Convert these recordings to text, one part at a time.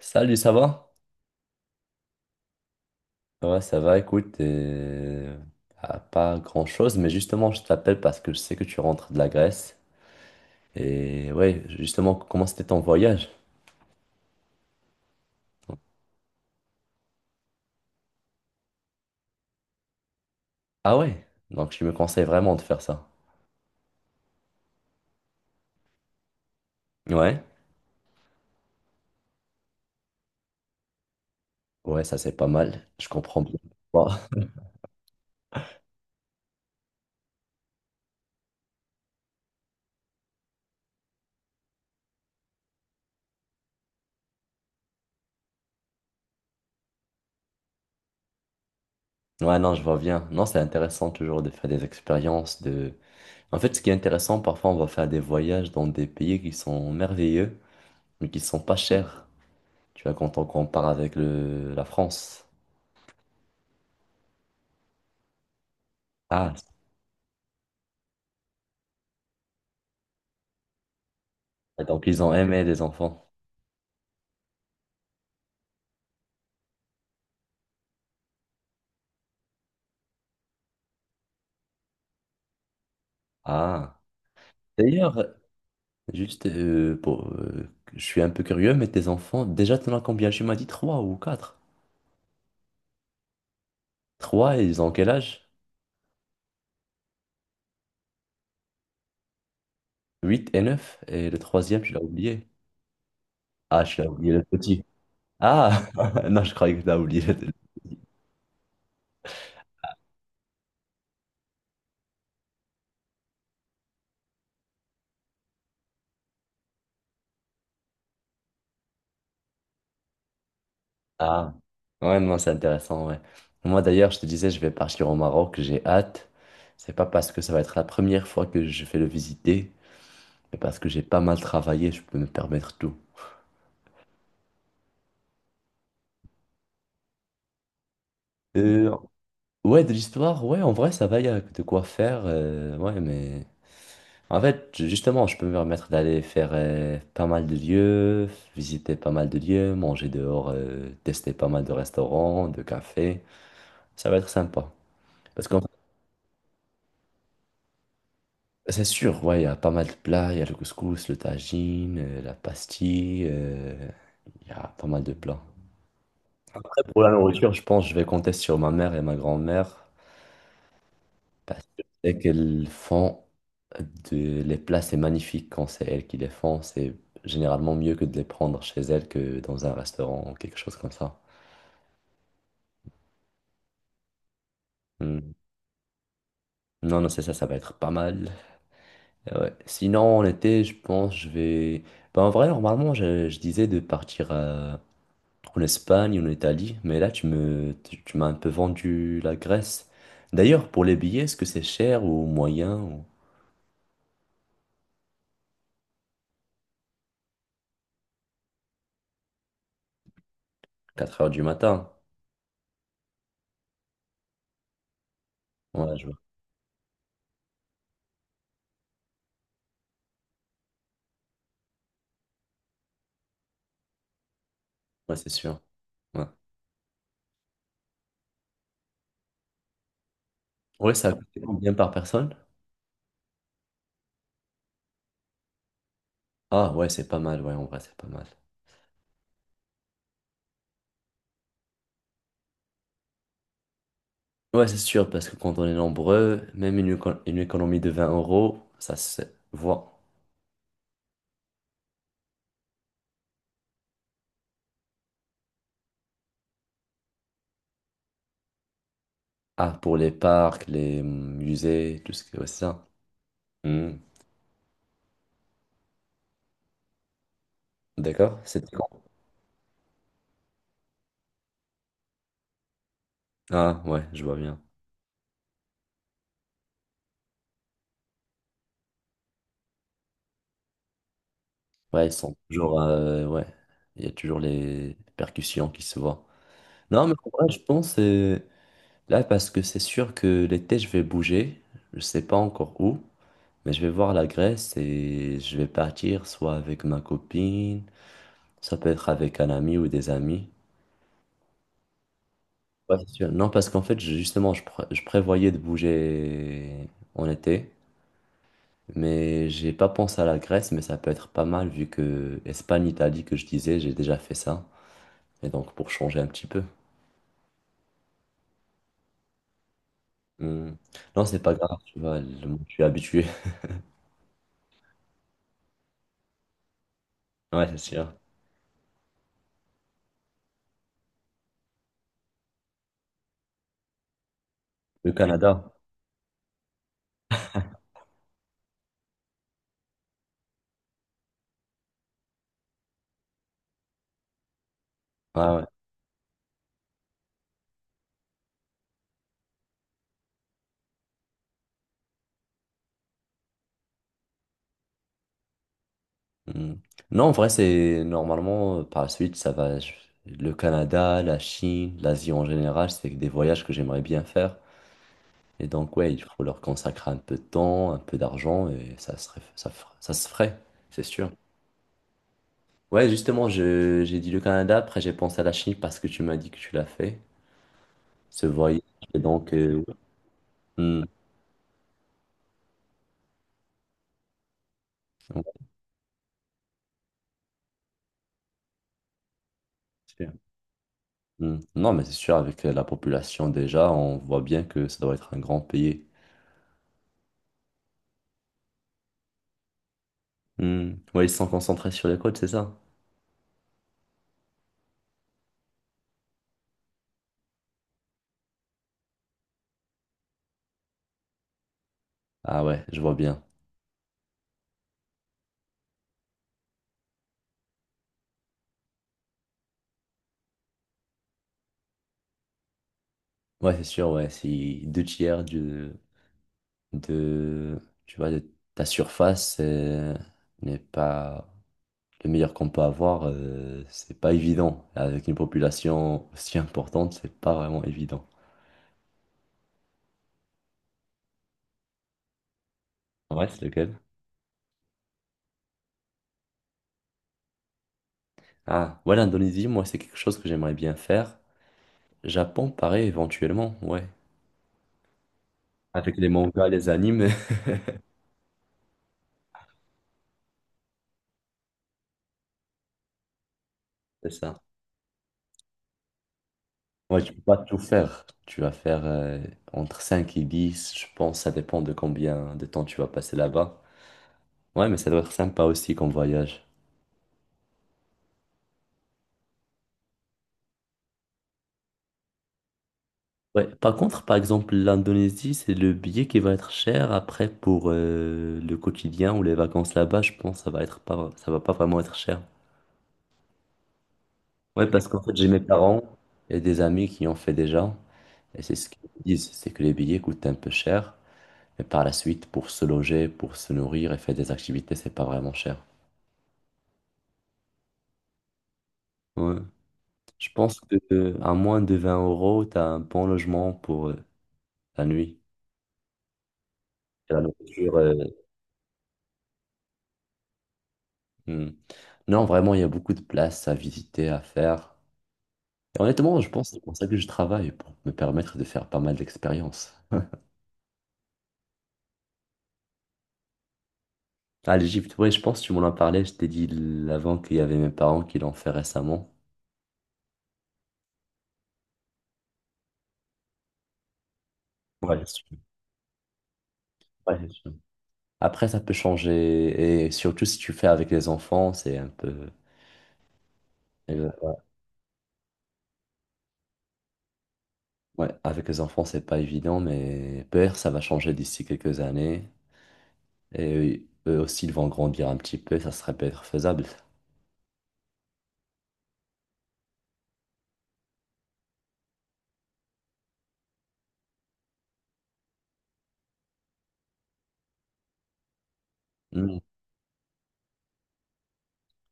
Salut, ça va? Ouais, ça va, écoute, ah, pas grand-chose, mais justement, je t'appelle parce que je sais que tu rentres de la Grèce. Et ouais, justement, comment c'était ton voyage? Ah ouais, donc je me conseille vraiment de faire ça. Ouais, ouais, ça c'est pas mal, je comprends bien. Bon. Ouais, non, je vois bien. Non, c'est intéressant toujours de faire des expériences, en fait, ce qui est intéressant, parfois, on va faire des voyages dans des pays qui sont merveilleux, mais qui sont pas chers. Tu vois, quand on compare avec la France. Ah, et donc, ils ont aimé les enfants. Ah. D'ailleurs, juste je suis un peu curieux, mais tes enfants, déjà, t'en as combien? Tu m'as dit trois ou quatre. Trois, ils ont quel âge? Huit et neuf. Et le troisième, tu l'as oublié. Ah, tu l'as oublié le petit. Ah, non, je croyais que tu l'as oublié. Ah, ouais, non, c'est intéressant, ouais. Moi, d'ailleurs, je te disais, je vais partir au Maroc, j'ai hâte. C'est pas parce que ça va être la première fois que je vais le visiter, mais parce que j'ai pas mal travaillé, je peux me permettre tout. Euh, Ouais, de l'histoire, ouais, en vrai, ça va, il y a de quoi faire, ouais. En fait, justement, je peux me permettre d'aller faire pas mal de lieux, visiter pas mal de lieux, manger dehors, tester pas mal de restaurants, de cafés. Ça va être sympa. Parce que c'est sûr, ouais, il y a pas mal de plats, il y a le couscous, le tagine, la pastille, il y a pas mal de plats. Après, pour la nourriture, je pense que je vais compter sur ma mère et ma grand-mère. Parce que c'est qu'elles font les plats, c'est magnifique quand c'est elles qui les font. C'est généralement mieux que de les prendre chez elles que dans un restaurant ou quelque chose comme ça. Hmm. Non, non, c'est ça, ça va être pas mal. Ouais. Sinon, en été, je pense, je vais. Bah, en vrai, normalement, je disais de partir en Espagne ou en Italie, mais là, tu m'as un peu vendu la Grèce. D'ailleurs, pour les billets, est-ce que c'est cher ou moyen ou? Quatre heures du matin? Ouais, je vois. Ouais, c'est sûr. Ouais. Ouais, ça coûte combien par personne? Ah ouais, c'est pas mal, ouais, en vrai, c'est pas mal. Ouais, c'est sûr, parce que quand on est nombreux, même une économie de 20 euros, ça se voit. Ah, pour les parcs, les musées, tout ce que ouais, c'est ça. Hmm. D'accord, c'est quand? Ah ouais, je vois bien. Ouais, ils sont toujours, ouais, il y a toujours les percussions qui se voient. Non, mais en vrai, je pense, là, parce que c'est sûr que l'été, je vais bouger, je sais pas encore où. Mais je vais voir la Grèce et je vais partir soit avec ma copine, ça peut être avec un ami ou des amis. Ouais, c'est sûr. Non, parce qu'en fait, justement, je prévoyais de bouger en été, mais j'ai pas pensé à la Grèce, mais ça peut être pas mal vu que Espagne, Italie, que je disais, j'ai déjà fait ça. Et donc, pour changer un petit peu. Hmm. Non, c'est pas grave, tu vois, je suis habitué. Ouais, c'est sûr. Le Canada. Ouais, ouais. Hmm. Non, en vrai, c'est normalement, par la suite, ça va. Le Canada, la Chine, l'Asie en général, c'est des voyages que j'aimerais bien faire. Et donc, ouais, il faut leur consacrer un peu de temps, un peu d'argent, et ça serait, ça se ferait, c'est sûr. Ouais, justement, j'ai dit le Canada, après j'ai pensé à la Chine parce que tu m'as dit que tu l'as fait, ce voyage. Et donc, hmm, ouais, c'est sûr. Hmm. Non, mais c'est sûr, avec la population déjà, on voit bien que ça doit être un grand pays. Hmm. Ouais, ils sont concentrés sur les côtes, c'est ça? Ah ouais, je vois bien. Ouais, c'est sûr, ouais, si deux tiers de, tu vois, de ta surface n'est pas le meilleur qu'on peut avoir, c'est pas évident. Avec une population aussi importante, c'est pas vraiment évident. Ouais, c'est lequel? Ah, ouais, l'Indonésie, moi, c'est quelque chose que j'aimerais bien faire. Japon, pareil, éventuellement, ouais. Avec les mangas, les animes, c'est ça. Moi, je peux pas tout faire. Tu vas faire entre 5 et 10, je pense, ça dépend de combien de temps tu vas passer là-bas. Ouais, mais ça doit être sympa aussi comme voyage. Ouais, par contre, par exemple, l'Indonésie, c'est le billet qui va être cher. Après, pour le quotidien ou les vacances là-bas, je pense que ça va être pas, ça va pas vraiment être cher. Ouais, parce qu'en fait, j'ai mes parents et des amis qui ont fait déjà. Et c'est ce qu'ils disent, c'est que les billets coûtent un peu cher. Mais par la suite, pour se loger, pour se nourrir et faire des activités, c'est pas vraiment cher. Ouais. Je pense que à moins de 20 euros, tu as un bon logement pour la nuit. Et la nourriture, hmm. Non, vraiment, il y a beaucoup de places à visiter, à faire. Et honnêtement, je pense que c'est pour ça que je travaille, pour me permettre de faire pas mal d'expériences. Ah, l'Égypte, oui, je pense que tu m'en as parlé, je t'ai dit avant qu'il y avait mes parents qui l'ont fait récemment. Ouais, c'est sûr. Ouais, c'est sûr. Après, ça peut changer, et surtout si tu fais avec les enfants, c'est un peu... Ouais, avec les enfants, c'est pas évident, mais peut-être ça va changer d'ici quelques années. Et eux aussi, ils vont grandir un petit peu, ça serait peut-être faisable. Mm.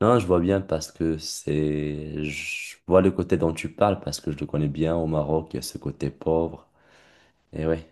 Non, je vois bien parce que c'est. Je vois le côté dont tu parles parce que je le connais bien au Maroc, il y a ce côté pauvre. Et ouais.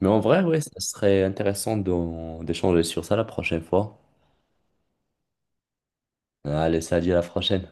Mais en vrai, ouais, ça serait intéressant d'échanger sur ça la prochaine fois. Allez, salut, à la prochaine.